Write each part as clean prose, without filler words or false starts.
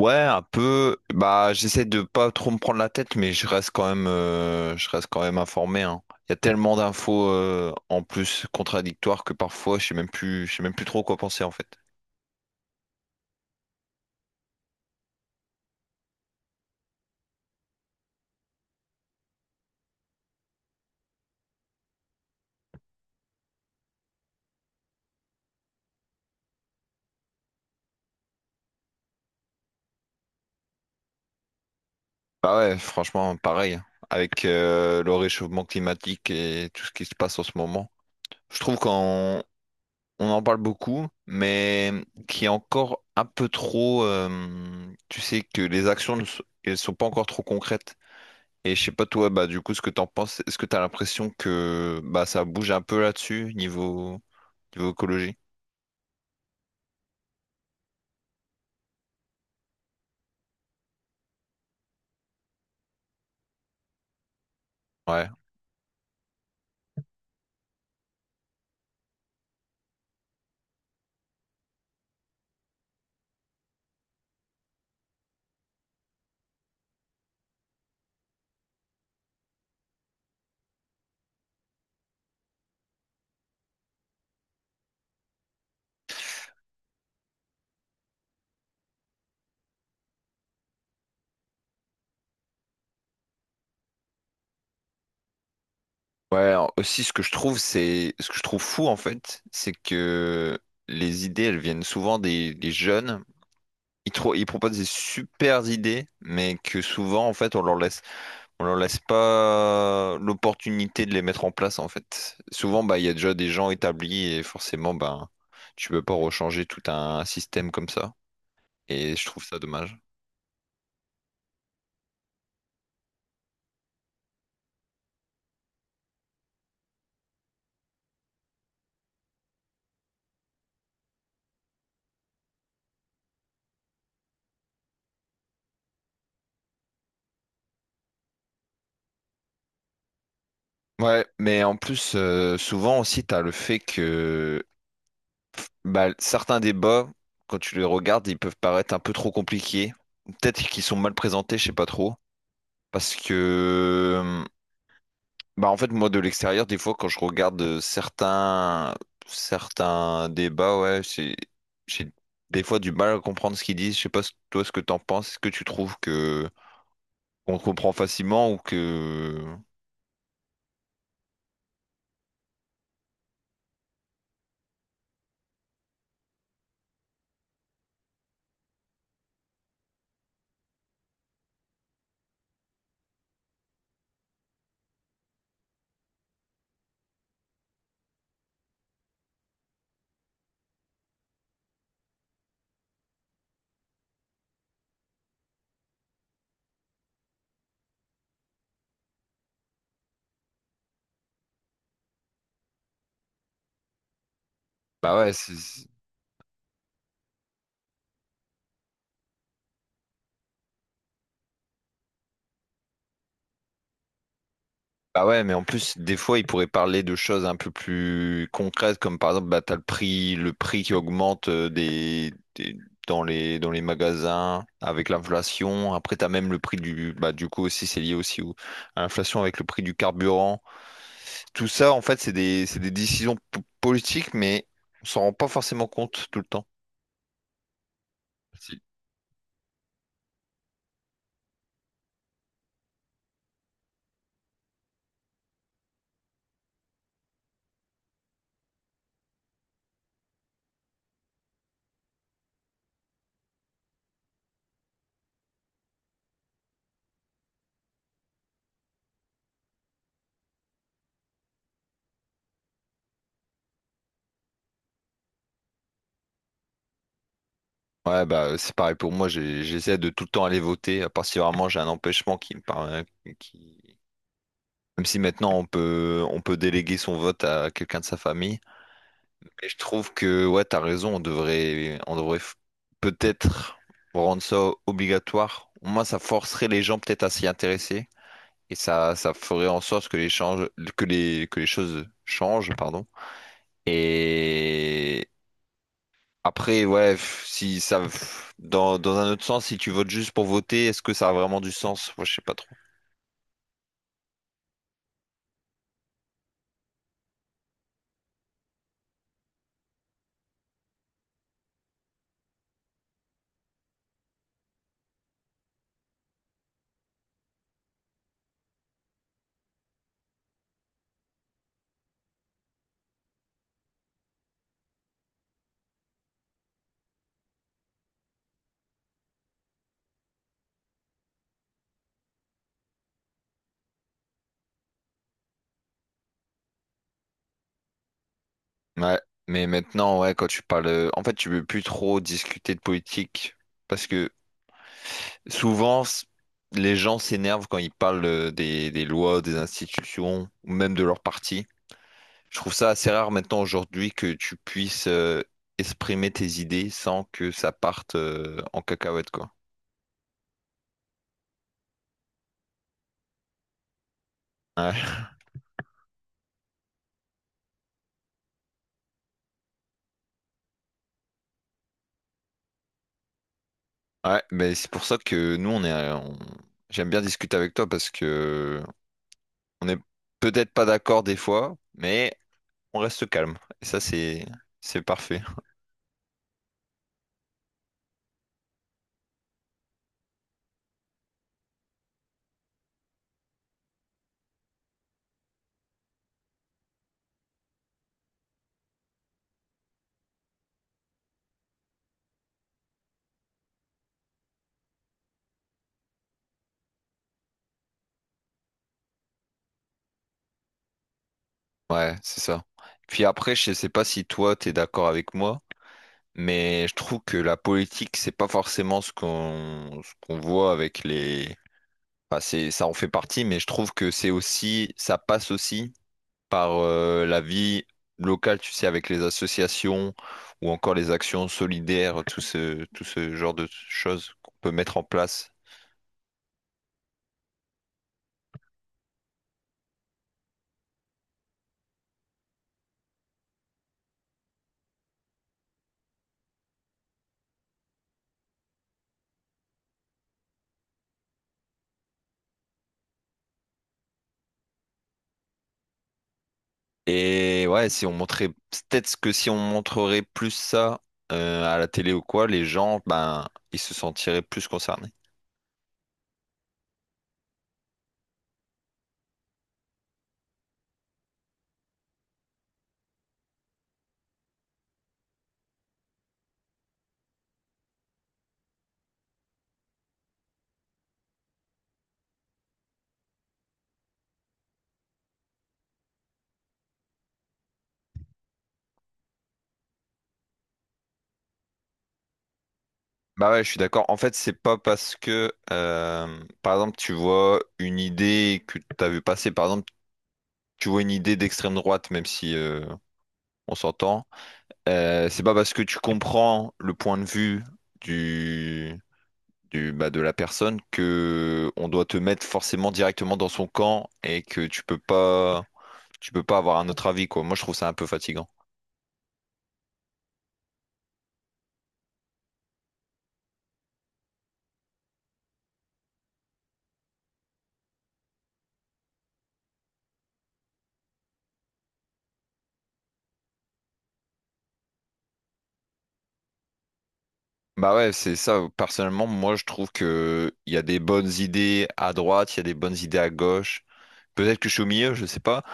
Ouais, un peu. Bah, j'essaie de pas trop me prendre la tête, mais je reste quand même, je reste quand même informé, hein. Il y a tellement d'infos en plus contradictoires que parfois je sais même plus trop quoi penser en fait. Bah ouais, franchement, pareil, hein. Avec le réchauffement climatique et tout ce qui se passe en ce moment, je trouve qu'on on en parle beaucoup, mais qui est encore un peu trop. Tu sais que les actions ne sont, elles sont pas encore trop concrètes. Et je sais pas toi, bah du coup ce que t'en penses, est-ce que t'as l'impression que bah ça bouge un peu là-dessus niveau écologie? Ouais. Aussi ce que je trouve c'est ce que je trouve fou en fait, c'est que les idées elles viennent souvent des jeunes. Ils proposent des super idées, mais que souvent en fait on leur laisse pas l'opportunité de les mettre en place en fait. Souvent bah il y a déjà des gens établis et forcément bah tu peux pas rechanger tout un système comme ça. Et je trouve ça dommage. Ouais, mais en plus, souvent aussi, t'as le fait que bah, certains débats, quand tu les regardes, ils peuvent paraître un peu trop compliqués. Peut-être qu'ils sont mal présentés, je sais pas trop. Parce que, bah, en fait, moi, de l'extérieur, des fois, quand je regarde certains débats, ouais, j'ai des fois du mal à comprendre ce qu'ils disent. Je sais pas, toi, ce que t'en penses. Est-ce que tu trouves que on comprend facilement ou que, bah ouais. Bah ouais, mais en plus, des fois, ils pourraient parler de choses un peu plus concrètes, comme par exemple, bah, t'as le prix qui augmente dans les magasins avec l'inflation. Après, t'as même le prix du, bah, du coup aussi, c'est lié aussi à l'inflation avec le prix du carburant. Tout ça, en fait, c'est des décisions politiques, mais on s'en rend pas forcément compte tout le temps. Si. Ouais, bah, c'est pareil pour moi, j'essaie de tout le temps aller voter, à part si vraiment j'ai un empêchement qui me paraît, qui. Même si maintenant on peut déléguer son vote à quelqu'un de sa famille. Mais je trouve que ouais, t'as raison, on devrait peut-être rendre ça obligatoire. Moi, ça forcerait les gens peut-être à s'y intéresser et ça ferait en sorte que les change- que les choses changent, pardon. Et après ouais, f- si ça f- dans dans un autre sens, si tu votes juste pour voter, est-ce que ça a vraiment du sens? Moi, je sais pas trop. Ouais, mais maintenant, ouais, quand tu parles, en fait, tu veux plus trop discuter de politique parce que souvent les gens s'énervent quand ils parlent des lois, des institutions ou même de leur parti. Je trouve ça assez rare maintenant aujourd'hui que tu puisses exprimer tes idées sans que ça parte en cacahuète, quoi. Ouais, ouais, mais c'est pour ça que nous, on est, j'aime bien discuter avec toi parce que on est peut-être pas d'accord des fois, mais on reste calme. Et ça, c'est parfait. Ouais, c'est ça. Puis après, je sais pas si toi, t'es d'accord avec moi, mais je trouve que la politique, c'est pas forcément ce qu'on voit avec les. Enfin, c'est ça en fait partie, mais je trouve que c'est aussi ça passe aussi par la vie locale, tu sais, avec les associations ou encore les actions solidaires, tout ce genre de choses qu'on peut mettre en place. Et ouais, si on montrait, peut-être que si on montrerait plus ça à la télé ou quoi, les gens, ben, ils se sentiraient plus concernés. Bah ouais, je suis d'accord. En fait, c'est pas parce que, par exemple, tu vois une idée que t'as vu passer, par exemple, tu vois une idée d'extrême droite, même si on s'entend, c'est pas parce que tu comprends le point de vue du, bah, de la personne que on doit te mettre forcément directement dans son camp et que tu peux pas. Tu peux pas avoir un autre avis, quoi. Moi, je trouve ça un peu fatigant. Bah ouais, c'est ça. Personnellement, moi, je trouve que il y a des bonnes idées à droite, il y a des bonnes idées à gauche. Peut-être que je suis au milieu, je sais pas.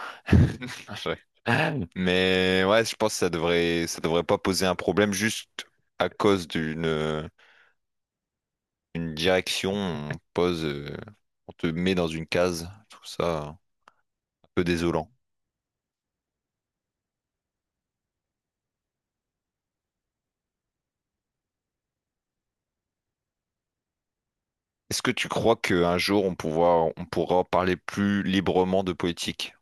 Ouais. Mais ouais, je pense que ça devrait pas poser un problème juste à cause d'une direction. On te met dans une case. Je trouve ça un peu désolant. Est-ce que tu crois qu'un jour on pourra parler plus librement de politique?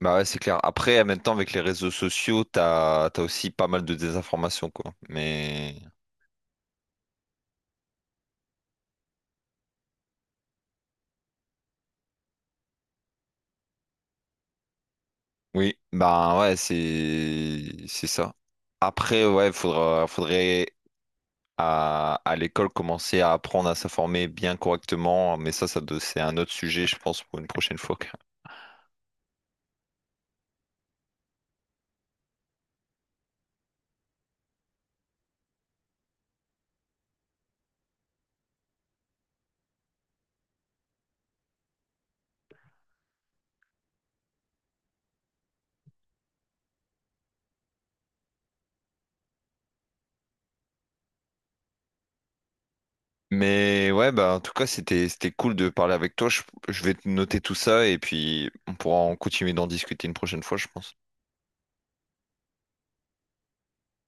Bah ouais, c'est clair. Après, en même temps, avec les réseaux sociaux, t'as aussi pas mal de désinformation, quoi. Mais oui, bah ouais, c'est ça. Après, ouais, faudrait à l'école commencer à apprendre à s'informer bien correctement. Mais ça, c'est un autre sujet, je pense, pour une prochaine fois, quoi. Mais ouais, bah en tout cas, c'était cool de parler avec toi. Je vais noter tout ça et puis on pourra en continuer d'en discuter une prochaine fois, je pense.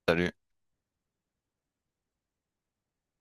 Salut.